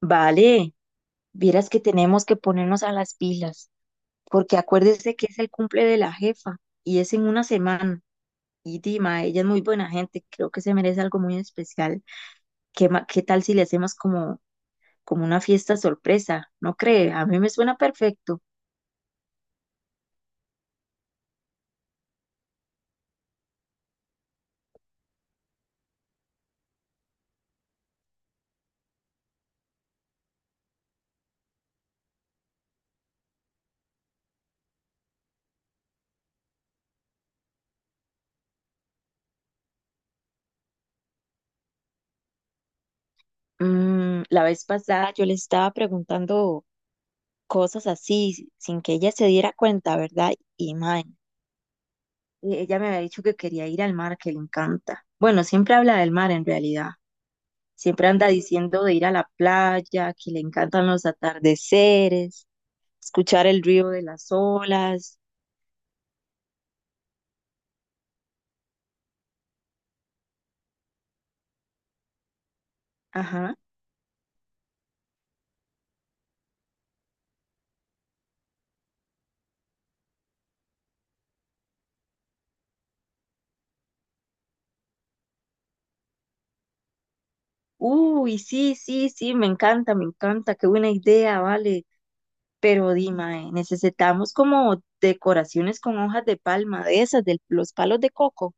Vale, vieras que tenemos que ponernos a las pilas, porque acuérdese que es el cumple de la jefa y es en una semana. Y Dima, ella es muy buena gente, creo que se merece algo muy especial. ¿Qué, qué tal si le hacemos como, como una fiesta sorpresa? ¿No cree? A mí me suena perfecto. Mm, la vez pasada yo le estaba preguntando cosas así, sin que ella se diera cuenta, ¿verdad? Y mae, ella me había dicho que quería ir al mar, que le encanta. Bueno, siempre habla del mar en realidad. Siempre anda diciendo de ir a la playa, que le encantan los atardeceres, escuchar el río de las olas. Ajá. Uy, sí, sí, sí, me encanta, qué buena idea, vale. Pero dime, necesitamos como decoraciones con hojas de palma, de esas, de los palos de coco.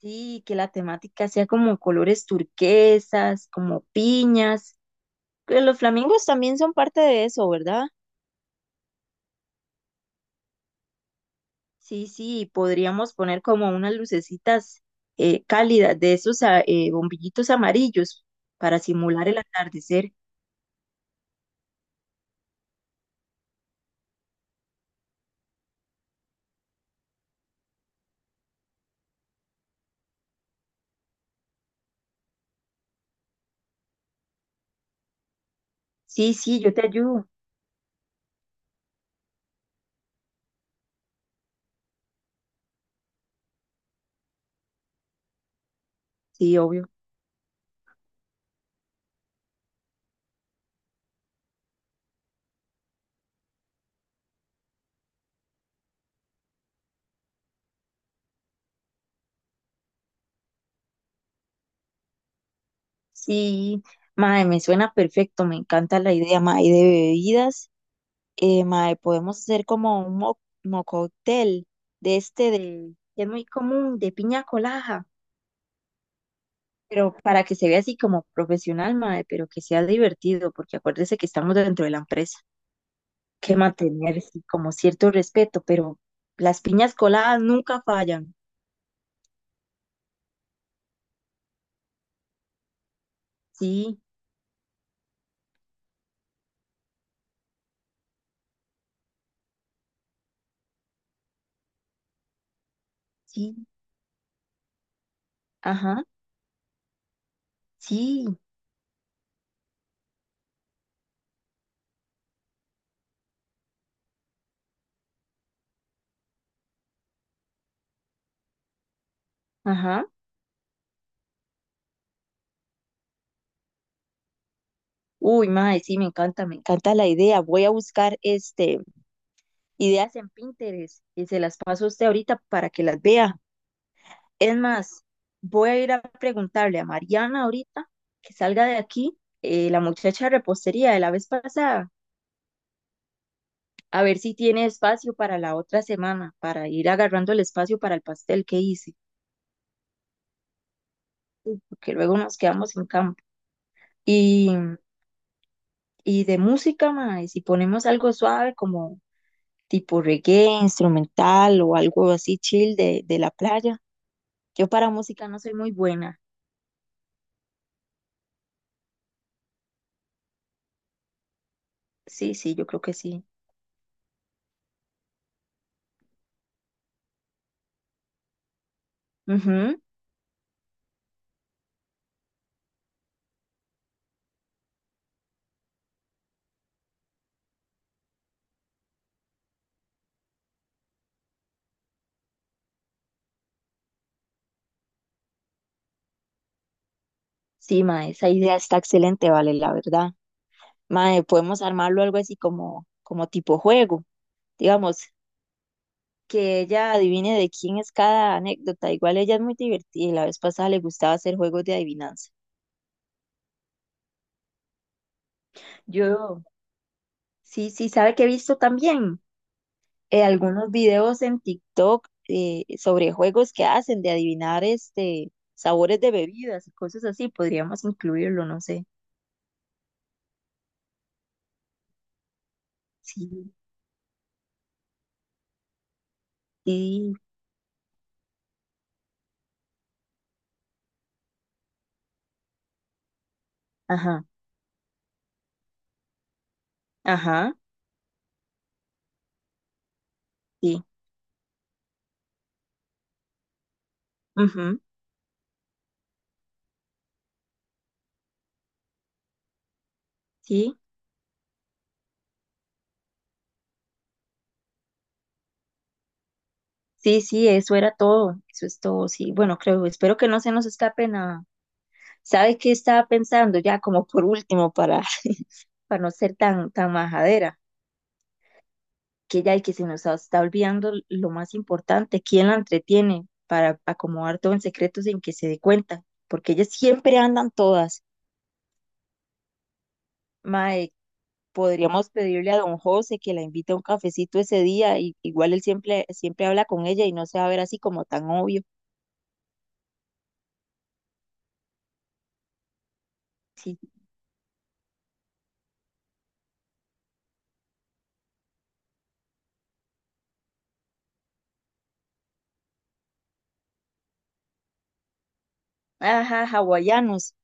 Sí, que la temática sea como colores turquesas, como piñas. Que los flamingos también son parte de eso, ¿verdad? Sí, sí, podríamos poner como unas lucecitas cálidas de esos bombillitos amarillos para simular el atardecer. Sí, sí, yo te ayudo. Sí, obvio. Sí, mae, me suena perfecto, me encanta la idea, mae, y de bebidas. Mae, podemos hacer como un mo mocóctel de este de, que es muy común, de piña colada, pero para que se vea así como profesional, mae, pero que sea divertido, porque acuérdese que estamos dentro de la empresa. Que mantener sí, como cierto respeto, pero las piñas coladas nunca fallan. Sí, sí, ajá, sí, ajá. Uy, mae, sí, me encanta la idea. Voy a buscar este ideas en Pinterest y se las paso a usted ahorita para que las vea. Es más, voy a ir a preguntarle a Mariana ahorita que salga de aquí, la muchacha de repostería de la vez pasada, a ver si tiene espacio para la otra semana, para ir agarrando el espacio para el pastel que hice. Que luego nos quedamos sin campo. Y, y de música, mae, si ponemos algo suave como tipo reggae, instrumental o algo así chill de la playa. Yo para música no soy muy buena. Sí, sí, yo creo que sí. Ujú. Sí, mae, esa idea está excelente, vale, la verdad. Mae, podemos armarlo algo así como, como tipo juego, digamos, que ella adivine de quién es cada anécdota. Igual ella es muy divertida y la vez pasada le gustaba hacer juegos de adivinanza. Yo sí, sí, sabe que he visto también algunos videos en TikTok sobre juegos que hacen de adivinar este sabores de bebidas y cosas así. Podríamos incluirlo, no sé. Sí, sí, ajá, ajá, sí, ujú, sí, sí, sí, eso era todo, eso es todo, sí. Bueno, creo, espero que no se nos escape nada. ¿Sabe qué estaba pensando ya como por último para, para no ser tan, tan majadera? Que ya hay que se nos está olvidando lo más importante, quién la entretiene para acomodar todo en secreto sin que se dé cuenta, porque ellas siempre andan todas. Mae, podríamos pedirle a don José que la invite a un cafecito ese día, y igual él siempre, siempre habla con ella y no se va a ver así como tan obvio. Sí, ajá, hawaianos.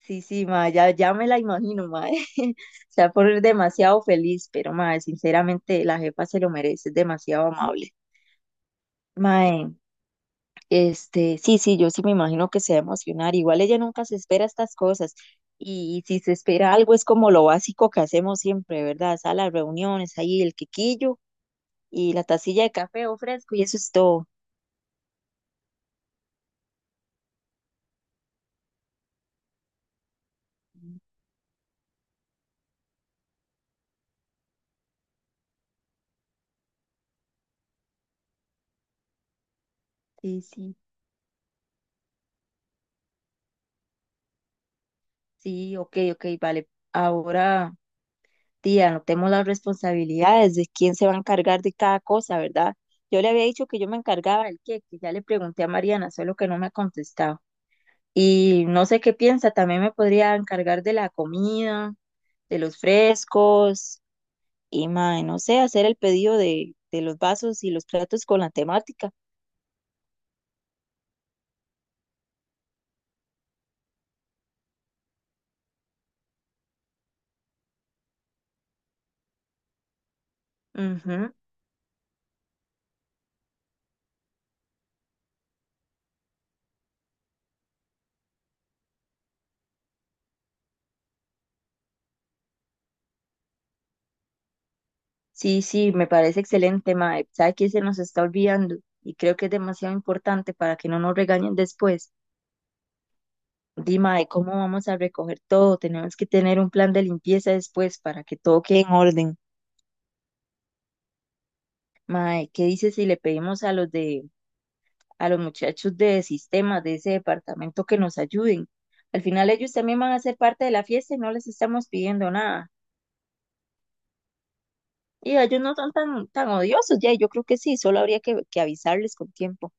Sí, sí, ma, ya, ya me la imagino, ma. Se va a poner demasiado feliz, pero ma, sinceramente la jefa se lo merece, es demasiado amable. Ma, este, sí, sí, yo sí me imagino que se va a emocionar. Igual ella nunca se espera estas cosas. Y, si se espera algo es como lo básico que hacemos siempre, ¿verdad? Salas, reuniones, ahí el quequillo y la tacilla de café o fresco y eso es todo. Sí, sí, sí, ok, ok, vale. Ahora, tía, anotemos las responsabilidades de quién se va a encargar de cada cosa, ¿verdad? Yo le había dicho que yo me encargaba del queque, ya le pregunté a Mariana, solo que no me ha contestado. Y no sé qué piensa, también me podría encargar de la comida, de los frescos y, mae, no sé, hacer el pedido de los vasos y los platos con la temática. Ujú. Sí, sí, me parece excelente, mae. ¿Sabe qué se nos está olvidando? Y creo que es demasiado importante para que no nos regañen después. Dima, de cómo vamos a recoger todo. Tenemos que tener un plan de limpieza después para que todo quede en orden. Mae, ¿qué dices si le pedimos a los de a los muchachos de sistemas de ese departamento que nos ayuden. Al final ellos también van a ser parte de la fiesta y no les estamos pidiendo nada. Y ellos no son tan, tan odiosos ya, yo creo que sí, solo habría que avisarles con tiempo.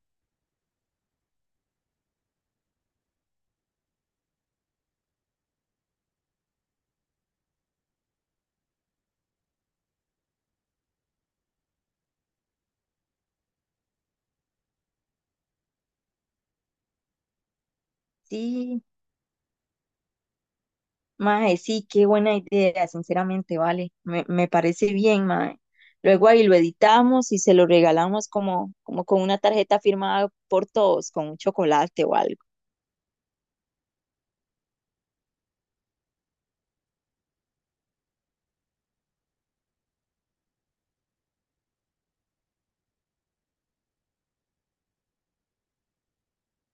Sí, mae, sí, qué buena idea, sinceramente, vale, me parece bien, mae. Luego ahí lo editamos y se lo regalamos como, como con una tarjeta firmada por todos, con un chocolate o algo.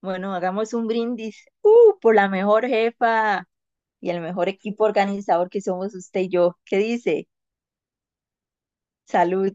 Bueno, hagamos un brindis, por la mejor jefa y el mejor equipo organizador que somos usted y yo. ¿Qué dice? Salud.